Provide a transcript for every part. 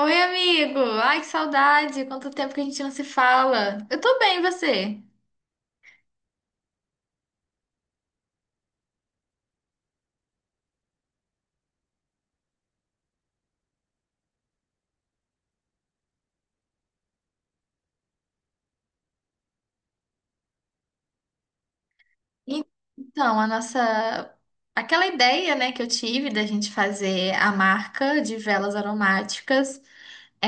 Oi, amigo! Ai, que saudade! Quanto tempo que a gente não se fala. Eu tô bem, e você? E- Então, a nossa... Aquela ideia, né, que eu tive da gente fazer a marca de velas aromáticas. é,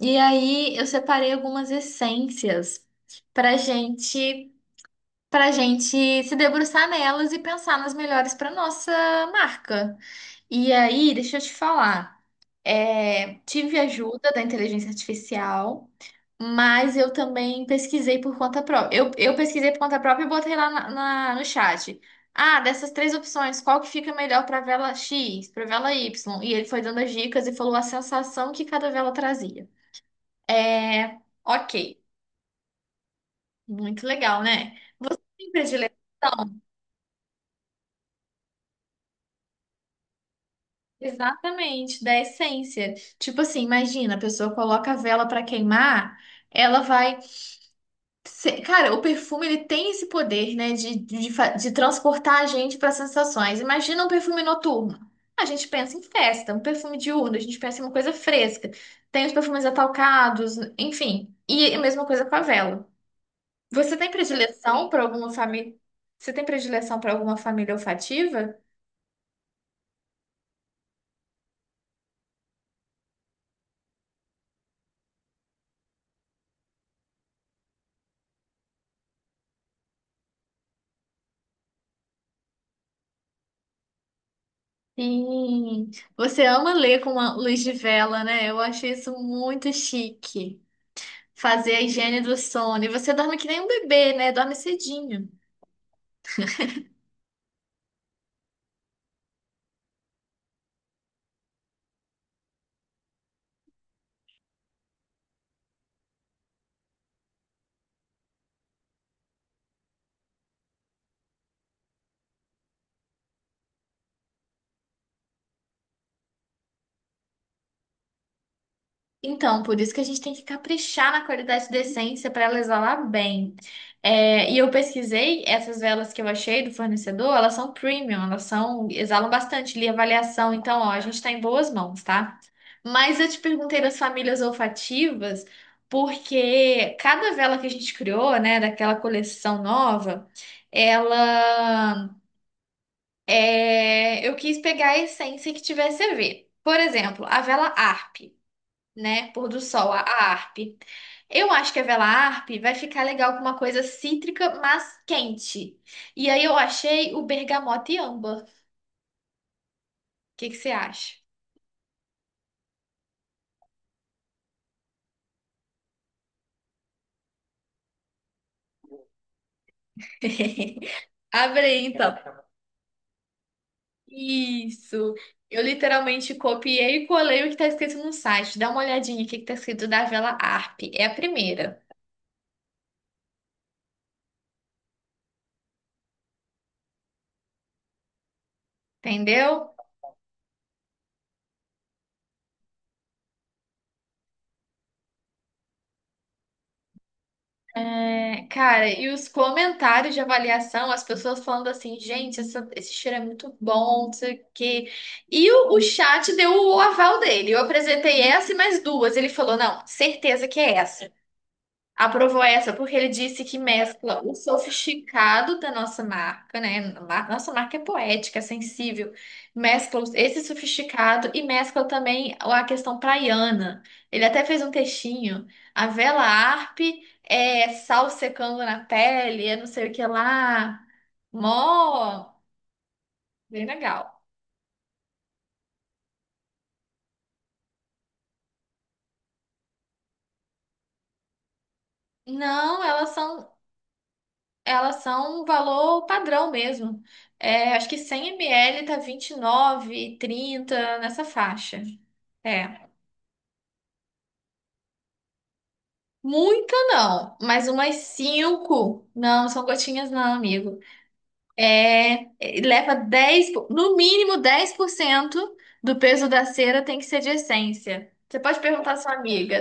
E aí, eu separei algumas essências pra gente... pra gente se debruçar nelas e pensar nas melhores pra nossa marca. E aí, deixa eu te falar. É, tive ajuda da inteligência artificial, mas eu também pesquisei por conta própria. Eu pesquisei por conta própria e botei lá no chat. Ah, dessas três opções, qual que fica melhor para vela X, para vela Y? E ele foi dando as dicas e falou a sensação que cada vela trazia. É, ok, muito legal, né? Você tem predileção? Exatamente, da essência. Tipo assim, imagina, a pessoa coloca a vela pra queimar, ela vai. Cara, o perfume ele tem esse poder, né, de transportar a gente para sensações. Imagina um perfume noturno. A gente pensa em festa, um perfume diurno, a gente pensa em uma coisa fresca. Tem os perfumes atalcados, enfim. E a mesma coisa com a vela. Você tem predileção para alguma família? Você tem predileção para alguma família olfativa? Sim, você ama ler com uma luz de vela, né? Eu acho isso muito chique. Fazer a higiene do sono. E você dorme que nem um bebê, né? Dorme cedinho. Então, por isso que a gente tem que caprichar na qualidade de essência para ela exalar bem. É, e eu pesquisei essas velas que eu achei do fornecedor, elas são premium, elas são, exalam bastante, li a avaliação, então, ó, a gente está em boas mãos, tá? Mas eu te perguntei das famílias olfativas, porque cada vela que a gente criou, né, daquela coleção nova, ela eu quis pegar a essência que tivesse a ver. Por exemplo, a vela ARP, né? Pôr do sol, a harpe. Eu acho que a vela harpe vai ficar legal com uma coisa cítrica, mas quente. E aí eu achei o bergamota e âmbar. O que que você acha? Abre então. Isso. Eu literalmente copiei e colei o que tá escrito no site. Dá uma olhadinha o que que tá escrito da vela harpe. É a primeira, entendeu? É, cara, e os comentários de avaliação, as pessoas falando assim, gente, esse cheiro é muito bom, não sei o quê. E o chat deu o aval dele. Eu apresentei essa e mais duas. Ele falou, não, certeza que é essa. Aprovou essa porque ele disse que mescla o sofisticado da nossa marca, né? Nossa marca é poética, é sensível. Mescla esse sofisticado e mescla também a questão praiana. Ele até fez um textinho. A vela Arp é sal secando na pele, é não sei o que lá. Mó, bem legal. Não, elas são Elas são um valor padrão mesmo. É, acho que 100 ml tá 29, 30 nessa faixa. É. Muita não, mas umas 5. Não, são gotinhas não, amigo. É, leva 10, no mínimo 10% do peso da cera tem que ser de essência. Você pode perguntar à sua amiga.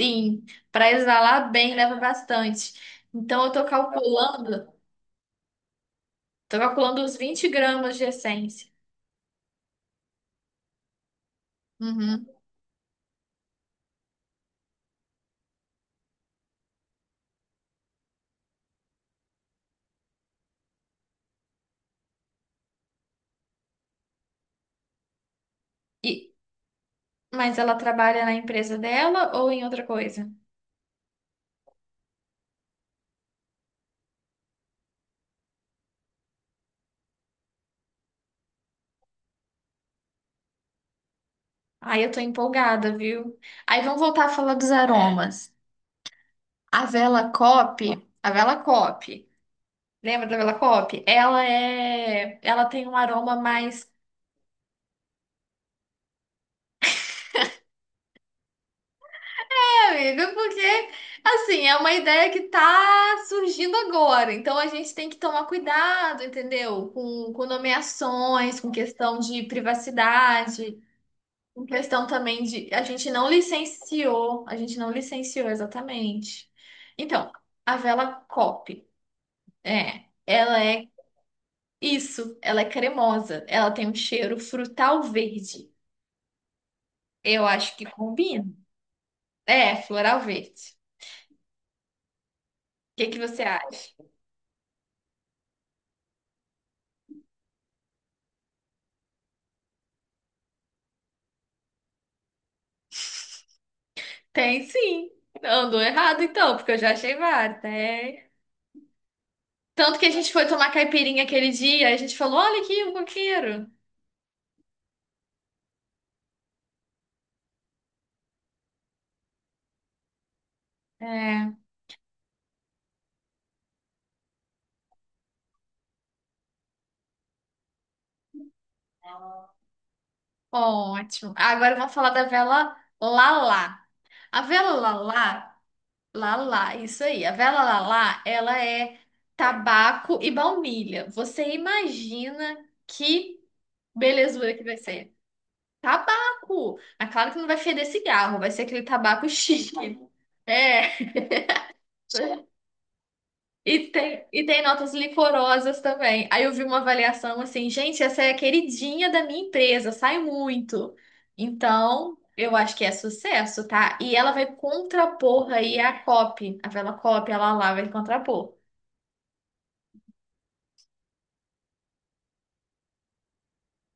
Sim, para exalar bem leva bastante. Então eu tô calculando, Tô calculando os 20 gramas de essência. Uhum. E, mas ela trabalha na empresa dela ou em outra coisa? Aí eu tô empolgada, viu? Aí vamos voltar a falar dos aromas. A vela Cope, a vela Cope, lembra da vela Cope? Ela tem um aroma mais, é, amigo, porque assim, é uma ideia que tá surgindo agora. Então a gente tem que tomar cuidado, entendeu? Com nomeações, com questão de privacidade. Em questão também de a gente não licenciou, a gente não licenciou exatamente. Então, a vela Cop, é, ela é isso, ela é cremosa, ela tem um cheiro frutal verde. Eu acho que combina. É, floral verde. O que que você acha? Tem sim. Andou errado então, porque eu já achei vários, né? Tanto que a gente foi tomar caipirinha aquele dia, a gente falou, olha aqui, um coqueiro. É, ótimo. Agora vamos falar da vela Lala. A vela lalá, lalá, isso aí. A vela lalá, ela é tabaco e baunilha. Você imagina que belezura que vai ser? Tabaco! Mas claro que não vai feder cigarro, vai ser aquele tabaco chique. É. E tem notas licorosas também. Aí eu vi uma avaliação assim, gente, essa é a queridinha da minha empresa, sai muito. Então, eu acho que é sucesso, tá? E ela vai contrapor aí a copy, a vela copy, ela lá vai contrapor.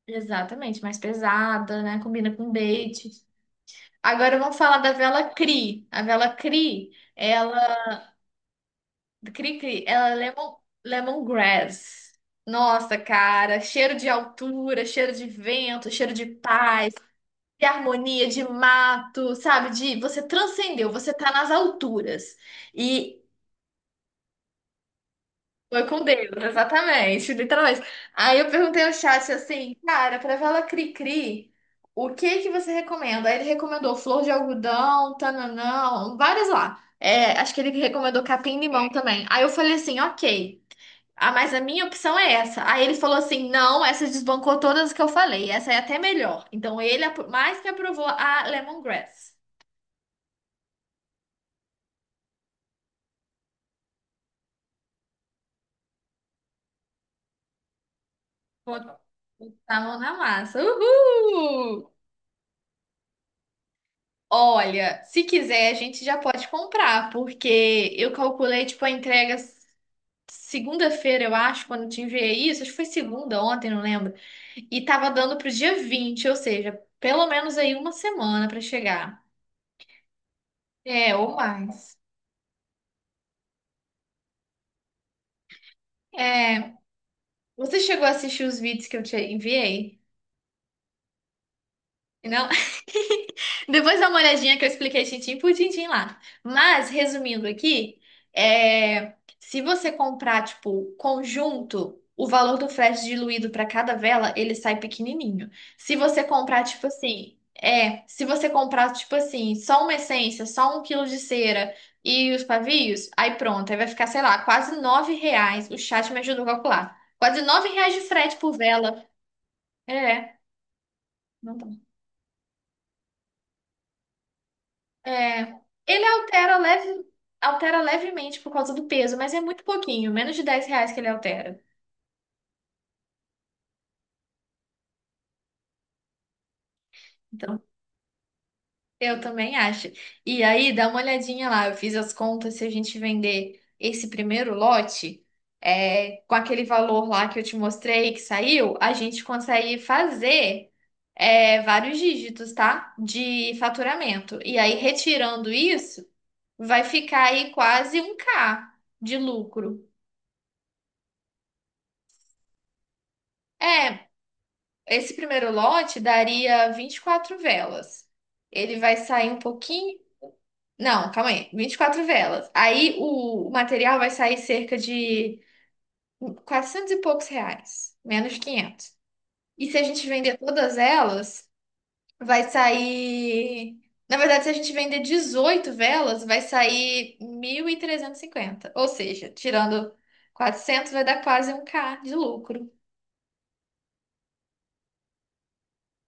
Exatamente, mais pesada, né? Combina com date. Agora vamos falar da vela CRI. A vela CRI, ela Do Cri-cri, ela é lemon, lemongrass. Nossa, cara, cheiro de altura, cheiro de vento, cheiro de paz, de harmonia, de mato, sabe? De você transcendeu, você tá nas alturas. E foi com Deus, exatamente, literalmente. Aí eu perguntei ao chat assim, cara, pra vela cri-cri, o que que você recomenda? Aí ele recomendou flor de algodão, tananão, várias lá. É, acho que ele recomendou capim-limão também. Aí eu falei assim, ok. Ah, mas a minha opção é essa. Aí ele falou assim: não, essa desbancou todas as que eu falei. Essa é até melhor. Então mais que aprovou a Lemongrass. Botar a mão na massa. Uhul! Olha, se quiser, a gente já pode comprar, porque eu calculei, tipo, a entrega segunda-feira, eu acho, quando eu te enviei isso. Acho que foi segunda, ontem, não lembro. E tava dando pro dia 20, ou seja, pelo menos aí uma semana pra chegar. É, ou mais. É. Você chegou a assistir os vídeos que eu te enviei? Não? Depois dá uma olhadinha que eu expliquei tintim por tintim lá. Mas, resumindo aqui, é, se você comprar, tipo, conjunto, o valor do frete diluído para cada vela, ele sai pequenininho. Se você comprar, tipo assim, é, Se você comprar, tipo assim, só uma essência, só um quilo de cera e os pavios, aí pronto, aí vai ficar, sei lá, quase 9 reais. O chat me ajudou a calcular. Quase nove reais de frete por vela. É. Não tá. É, Ele altera, altera levemente por causa do peso, mas é muito pouquinho, menos de 10 reais que ele altera. Então, eu também acho. E aí, dá uma olhadinha lá, eu fiz as contas, se a gente vender esse primeiro lote, é, com aquele valor lá que eu te mostrei, que saiu, a gente consegue fazer, é, vários dígitos, tá? De faturamento. E aí, retirando isso, vai ficar aí quase um k de lucro. É, esse primeiro lote daria 24 velas. Ele vai sair um pouquinho. Não, calma aí. 24 velas. Aí o material vai sair cerca de 400 e poucos reais, menos de 500. E se a gente vender todas elas, vai sair. Na verdade, se a gente vender 18 velas, vai sair 1.350. Ou seja, tirando 400, vai dar quase um k de lucro.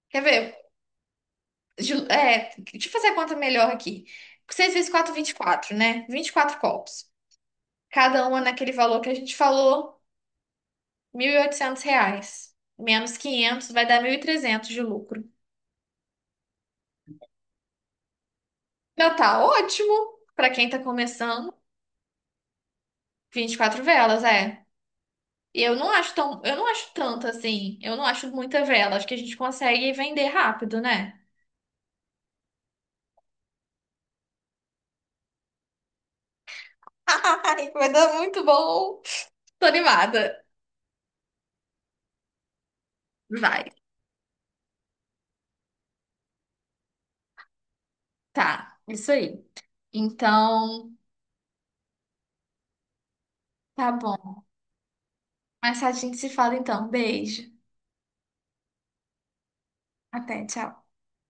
Quer ver? É, deixa eu fazer a conta melhor aqui. 6 x 4 24, né? 24 copos. Cada uma naquele valor que a gente falou, 1.800 reais. Menos 500 vai dar 1.300 de lucro. Já tá ótimo para quem tá começando. 24 velas, é. E eu não acho tão, eu não acho tanto assim. Eu não acho muita vela. Acho que a gente consegue vender rápido, né? Ai, vai dar muito bom. Tô animada. Vai. Tá, isso aí. Então, tá bom. Mas a gente se fala então. Beijo. Até, tchau.